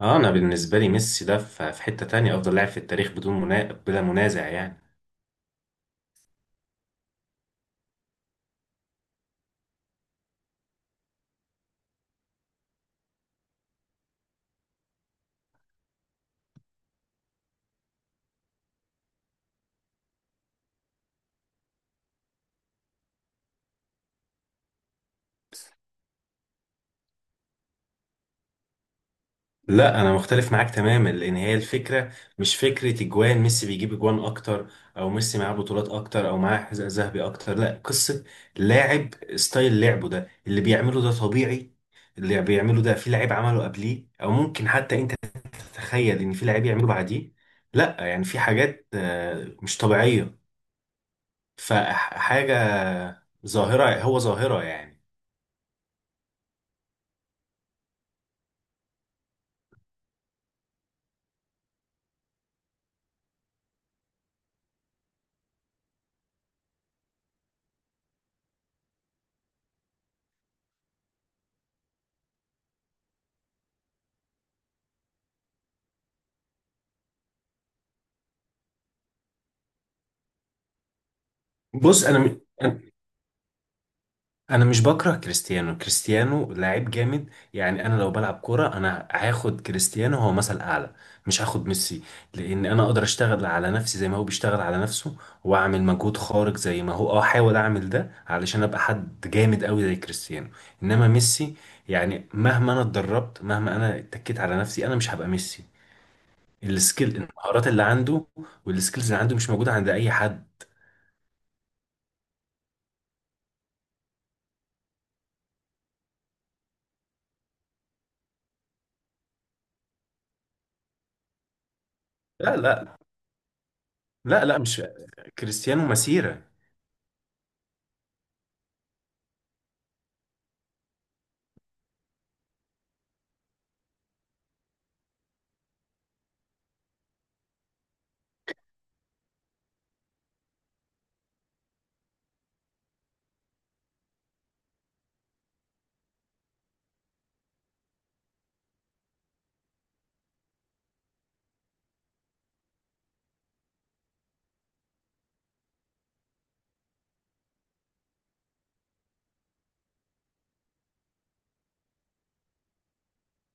اه انا بالنسبه لي ميسي ده في حته تانية افضل لاعب في التاريخ بلا منازع يعني. لا انا مختلف معاك تماما لان هي الفكره مش فكره اجوان، ميسي بيجيب اجوان اكتر او ميسي معاه بطولات اكتر او معاه حذاء ذهبي اكتر. لا قصه لاعب، ستايل لعبه ده اللي بيعمله ده طبيعي. اللي بيعمله ده في لعيب عمله قبليه او ممكن حتى انت تتخيل ان في لعيب يعمله بعديه؟ لا، يعني في حاجات مش طبيعيه. فحاجه ظاهره، هو ظاهره يعني. بص انا أنا مش بكره كريستيانو، كريستيانو لاعب جامد يعني. انا لو بلعب كوره انا هاخد كريستيانو، هو مثل اعلى، مش هاخد ميسي. لان انا اقدر اشتغل على نفسي زي ما هو بيشتغل على نفسه واعمل مجهود خارق زي ما هو، اه احاول اعمل ده علشان ابقى حد جامد قوي زي كريستيانو. انما ميسي يعني مهما انا اتدربت، مهما انا اتكيت على نفسي، انا مش هبقى ميسي. السكيل، المهارات اللي عنده والسكيلز اللي عنده، مش موجوده عند اي حد. لا لا لا لا، مش كريستيانو مسيرة.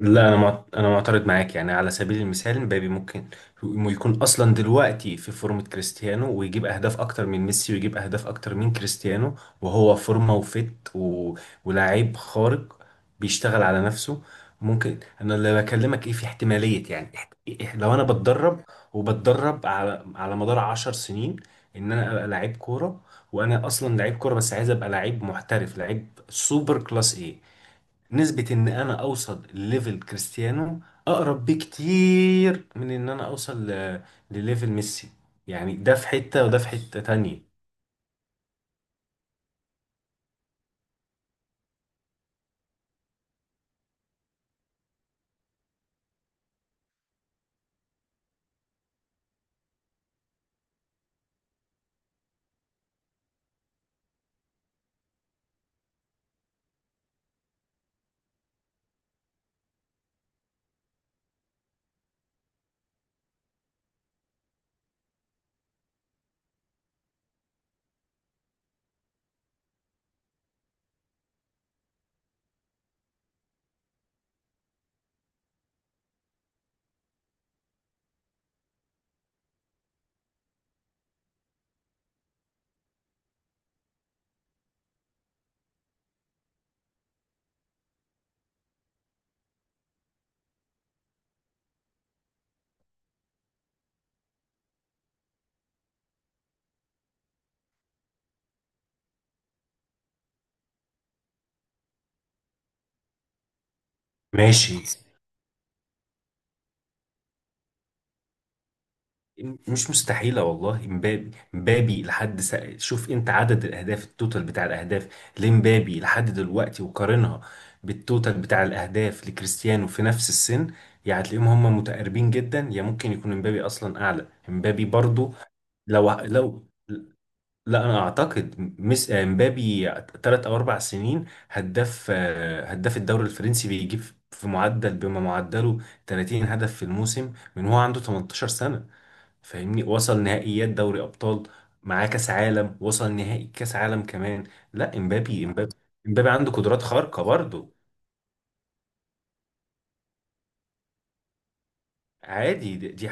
لا انا معت... انا معترض معاك. يعني على سبيل المثال مبابي ممكن يكون اصلا دلوقتي في فورمة كريستيانو ويجيب اهداف اكتر من ميسي ويجيب اهداف اكتر من كريستيانو، وهو فورمة وفت ولاعيب خارق بيشتغل على نفسه. ممكن انا اللي بكلمك ايه، في احتمالية يعني لو انا بتدرب وبتدرب على مدار عشر سنين ان انا ابقى لعيب كورة، وانا اصلا لعيب كورة بس عايز ابقى لعيب محترف، لعيب سوبر كلاس، ايه نسبة ان انا اوصل لليفل كريستيانو؟ اقرب بكتير من ان انا اوصل لليفل ميسي. يعني ده في حتة وده في حتة تانية. ماشي. مش مستحيلة والله. شوف انت عدد الاهداف، التوتال بتاع الاهداف لامبابي لحد دلوقتي، وقارنها بالتوتال بتاع الاهداف لكريستيانو في نفس السن، يعني هتلاقيهم هم متقاربين جدا يا ممكن يكون امبابي اصلا اعلى. امبابي برضو لو لو، لا انا اعتقد ميس آه، مبابي ثلاث او اربع سنين هداف الدوري الفرنسي، بيجيب في معدل، بما معدله 30 هدف في الموسم من هو عنده 18 سنة. فاهمني؟ وصل نهائيات دوري ابطال، معاه كاس عالم، وصل نهائي كاس عالم كمان. لا امبابي امبابي عنده قدرات خارقة برضه. عادي. دي.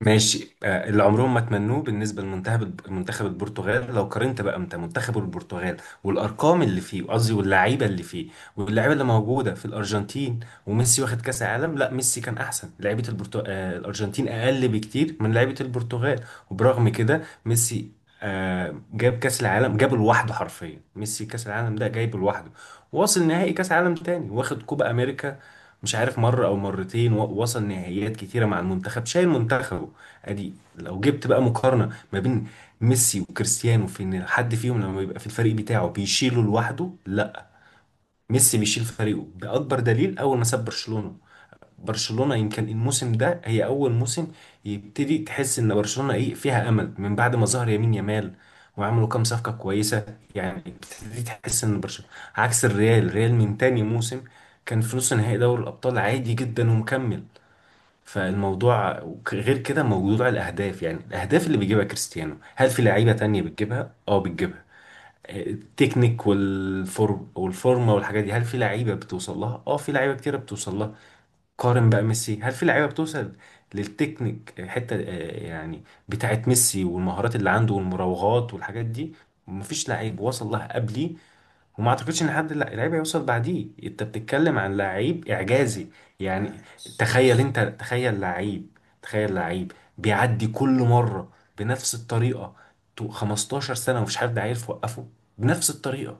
ماشي. اللي عمرهم ما تمنوه بالنسبه لمنتخب البرتغال، لو قارنت بقى انت منتخب البرتغال والارقام اللي فيه، قصدي واللعيبه اللي فيه، واللعيبه اللي موجوده في الارجنتين وميسي واخد كاس عالم. لا ميسي كان احسن لعيبه البرتو... آه، الارجنتين اقل بكتير من لعيبه البرتغال، وبرغم كده ميسي جاب كاس العالم، جاب لوحده حرفيا ميسي كاس العالم ده جايبه لوحده. واصل نهائي كاس عالم تاني، واخد كوبا امريكا مش عارف مرة أو مرتين، وصل نهائيات كتيرة مع المنتخب، شايل منتخبه. ادي لو جبت بقى مقارنة ما بين ميسي وكريستيانو في ان حد فيهم لما بيبقى في الفريق بتاعه بيشيله لوحده. لا، ميسي بيشيل فريقه. بأكبر دليل اول ما ساب برشلونة، برشلونة يمكن الموسم ده هي اول موسم يبتدي تحس ان برشلونة ايه فيها امل، من بعد ما ظهر يمين يامال وعملوا كام صفقة كويسة، يعني بتبتدي تحس ان برشلونة عكس الريال. الريال من تاني موسم كان في نص نهائي دوري الابطال عادي جدا ومكمل. فالموضوع غير كده موضوع الأهداف، يعني الأهداف اللي بيجيبها كريستيانو هل في لعيبة تانية بتجيبها؟ اه بتجيبها. التكنيك والفورم والفورمة والحاجات دي هل في لعيبة بتوصل لها؟ اه في لعيبة كتيرة بتوصل لها. قارن بقى ميسي، هل في لعيبة بتوصل للتكنيك حتة يعني بتاعت ميسي والمهارات اللي عنده والمراوغات والحاجات دي؟ مفيش لعيب وصل لها قبلي، وما اعتقدش ان حد لعيب هيوصل بعديه. انت بتتكلم عن لعيب اعجازي يعني. مم. تخيل انت، تخيل لعيب، تخيل لعيب بيعدي كل مره بنفس الطريقه 15 سنه ومفيش حد عارف يوقفه، بنفس الطريقه.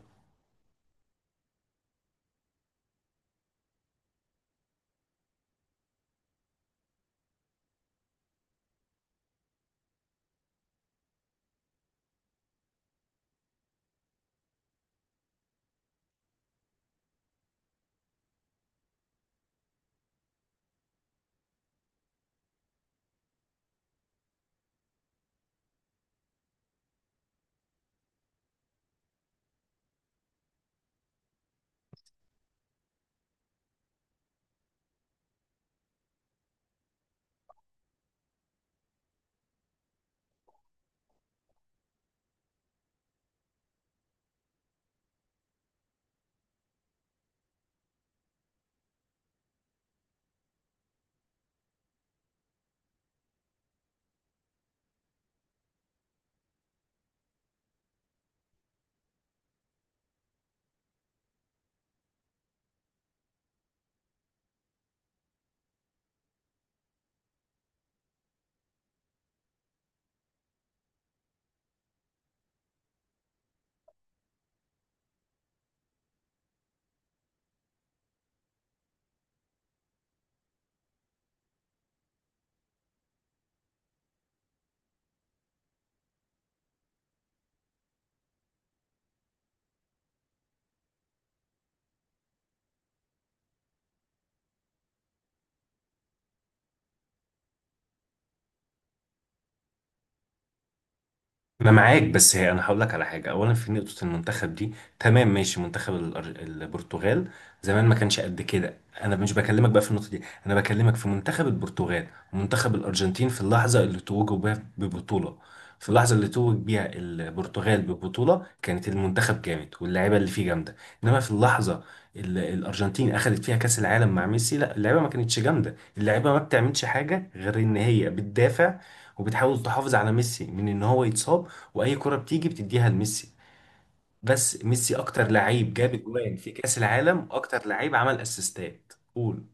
انا معاك، بس هي انا هقول لك على حاجه. اولا في نقطه المنتخب دي، تمام ماشي، منتخب البرتغال زمان ما كانش قد كده. انا مش بكلمك بقى في النقطه دي، انا بكلمك في منتخب البرتغال ومنتخب الارجنتين في اللحظه اللي توجوا بيها ببطوله. في اللحظه اللي توج بيها البرتغال ببطوله كانت المنتخب جامد واللعيبه اللي فيه جامده، انما في اللحظه اللي الارجنتين اخذت فيها كاس العالم مع ميسي لا، اللعيبه ما كانتش جامده، اللعيبه ما بتعملش حاجه غير ان هي بتدافع وبتحاول تحافظ على ميسي من ان هو يتصاب، واي كرة بتيجي بتديها لميسي. بس ميسي اكتر لعيب جاب اجوان في كاس العالم واكتر لعيب عمل اسيستات، قول.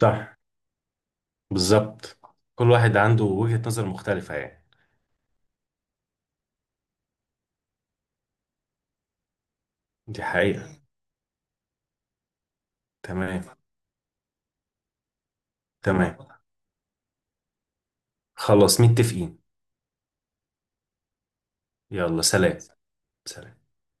صح. بالظبط. كل واحد عنده وجهة نظر مختلفة يعني. دي حقيقة. تمام. تمام، خلاص متفقين. يلا سلام. سلام.